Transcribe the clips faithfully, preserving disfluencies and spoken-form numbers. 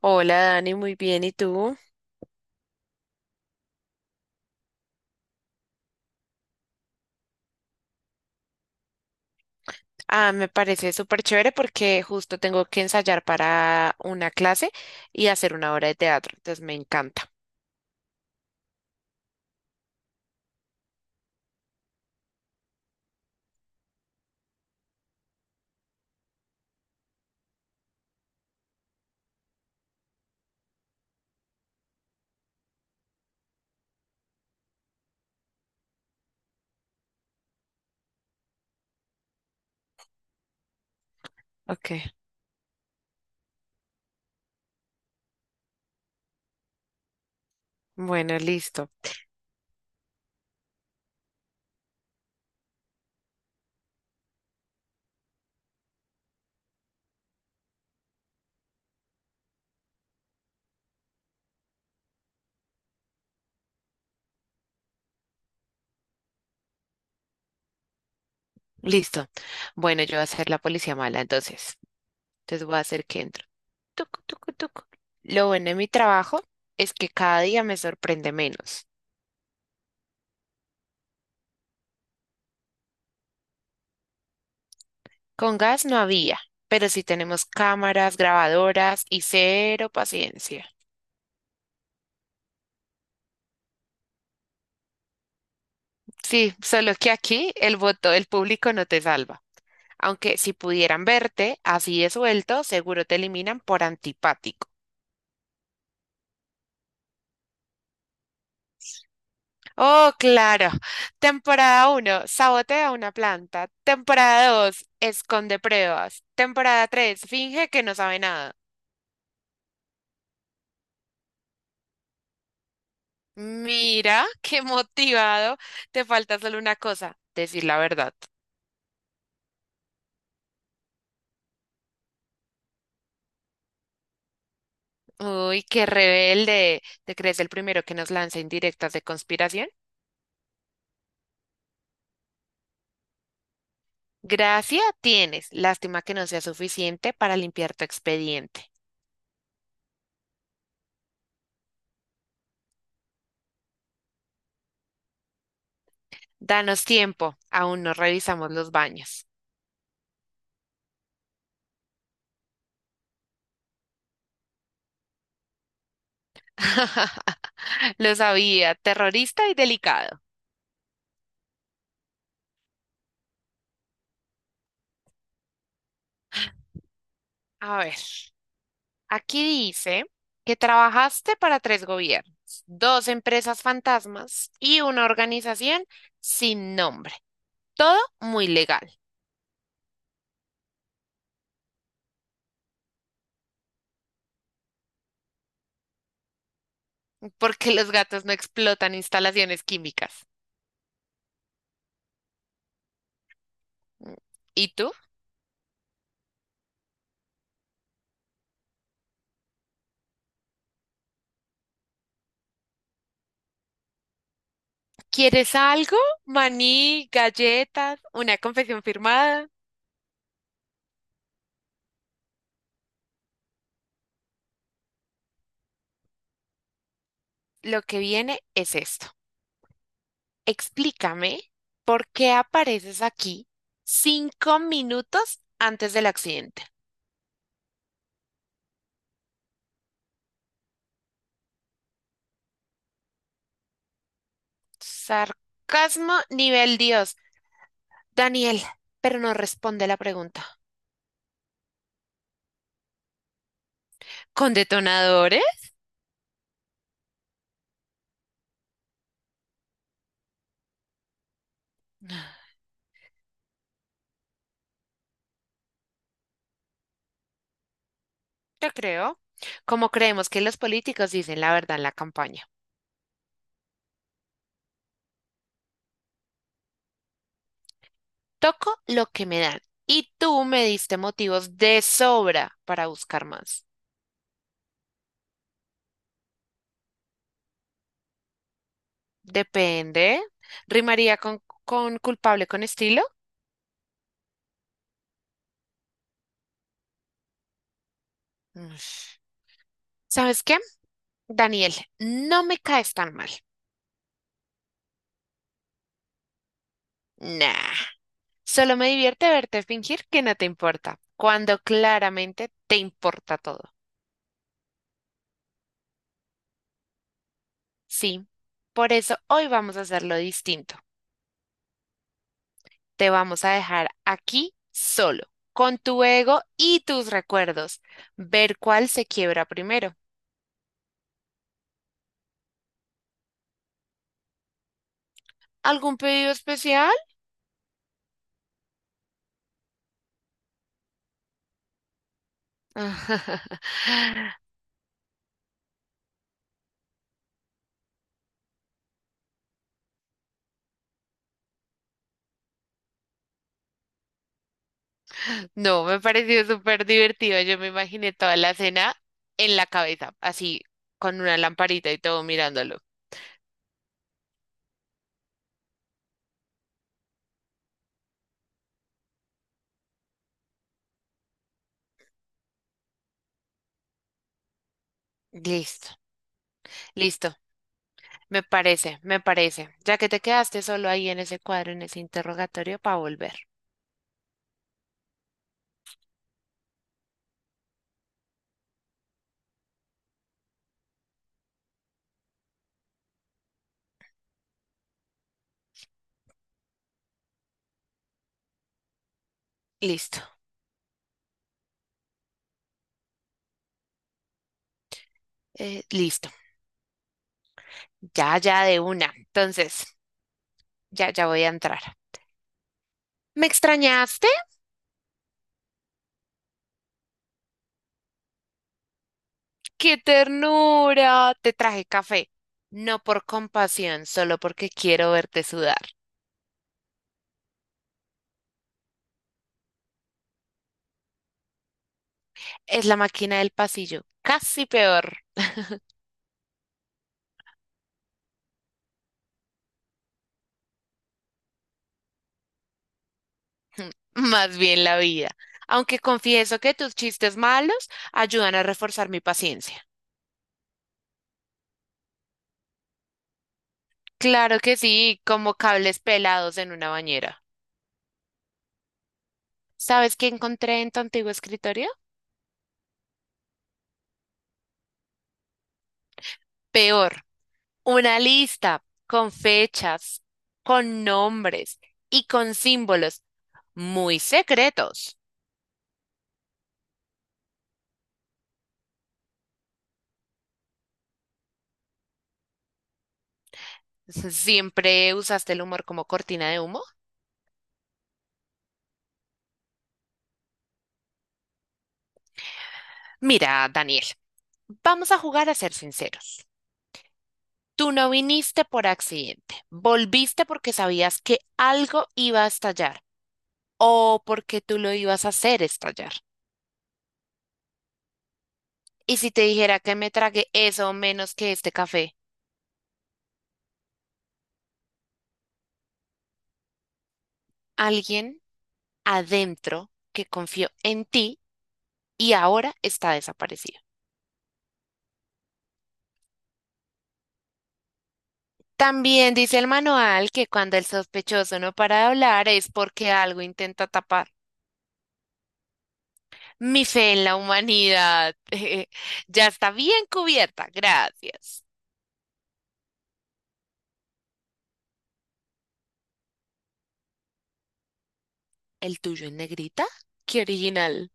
Hola Dani, muy bien. ¿Y tú? Ah, me parece súper chévere porque justo tengo que ensayar para una clase y hacer una obra de teatro, entonces me encanta. Ok, bueno, listo, listo. Bueno, yo voy a ser la policía mala, entonces. Entonces voy a hacer que entro. Tuc, tuc, tuc. Lo bueno de mi trabajo es que cada día me sorprende menos. Con gas no había, pero sí tenemos cámaras, grabadoras y cero paciencia. Sí, solo que aquí el voto del público no te salva. Aunque si pudieran verte así de suelto, seguro te eliminan por antipático. Oh, claro. Temporada uno, sabotea una planta. Temporada dos, esconde pruebas. Temporada tres, finge que no sabe nada. Mira, qué motivado. Te falta solo una cosa, decir la verdad. Uy, qué rebelde. ¿Te crees el primero que nos lanza indirectas de conspiración? Gracia tienes. Lástima que no sea suficiente para limpiar tu expediente. Danos tiempo, aún no revisamos los baños. Lo sabía, terrorista y delicado. A ver, aquí dice que trabajaste para tres gobiernos, dos empresas fantasmas y una organización sin nombre. Todo muy legal, porque los gatos no explotan instalaciones químicas. ¿Y tú? ¿Quieres algo? Maní, galletas, una confesión firmada. Lo que viene es esto. Explícame por qué apareces aquí cinco minutos antes del accidente. Sarcasmo nivel Dios. Daniel, pero no responde la pregunta. ¿Con detonadores? Yo creo. Como creemos que los políticos dicen la verdad en la campaña. Toco lo que me dan. Y tú me diste motivos de sobra para buscar más. Depende. ¿Rimaría con, con culpable con estilo? Ush. ¿Sabes qué? Daniel, no me caes tan mal. Nah, solo me divierte verte fingir que no te importa, cuando claramente te importa todo. Sí, por eso hoy vamos a hacerlo distinto. Te vamos a dejar aquí solo, con tu ego y tus recuerdos. Ver cuál se quiebra primero. ¿Algún pedido especial? No, me pareció súper divertido. Yo me imaginé toda la cena en la cabeza, así con una lamparita y todo mirándolo. Listo, listo. Me parece, me parece. Ya que te quedaste solo ahí en ese cuadro, en ese interrogatorio, para volver. Listo, eh, listo. Ya, ya de una. Entonces, ya, ya voy a entrar. ¿Me extrañaste? ¡Qué ternura! Te traje café. No por compasión, solo porque quiero verte sudar. Es la máquina del pasillo. Casi peor. Más bien la vida. Aunque confieso que tus chistes malos ayudan a reforzar mi paciencia. Claro que sí, como cables pelados en una bañera. ¿Sabes qué encontré en tu antiguo escritorio? Peor, una lista con fechas, con nombres y con símbolos muy secretos. ¿Siempre usaste el humor como cortina de humo? Mira, Daniel, vamos a jugar a ser sinceros. Tú no viniste por accidente, volviste porque sabías que algo iba a estallar o porque tú lo ibas a hacer estallar. Y si te dijera que me tragué eso o menos que este café, alguien adentro que confió en ti y ahora está desaparecido. También dice el manual que cuando el sospechoso no para de hablar es porque algo intenta tapar. Mi fe en la humanidad ya está bien cubierta, gracias. ¿El tuyo en negrita? ¡Qué original!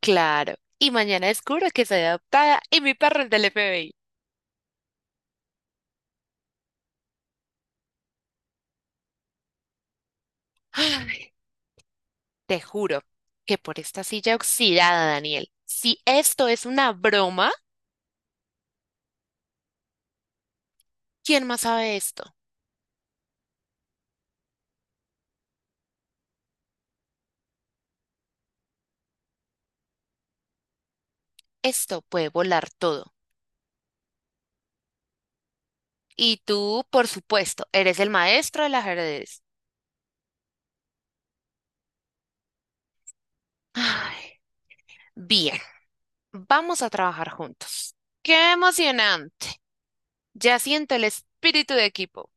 Claro. Y mañana descubro que soy adoptada y mi perro es del F B I. Te juro que por esta silla oxidada, Daniel, si esto es una broma, ¿quién más sabe esto? Esto puede volar todo. Y tú, por supuesto, eres el maestro del ajedrez. Ay, bien, vamos a trabajar juntos. ¡Qué emocionante! Ya siento el espíritu de equipo.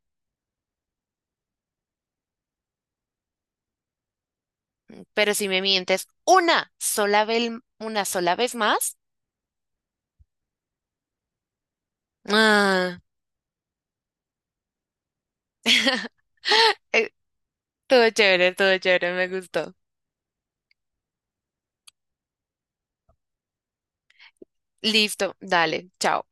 Pero si me mientes una sola vez, una sola vez más, ah, eh, todo chévere, todo chévere, me gustó. Listo, dale, chao.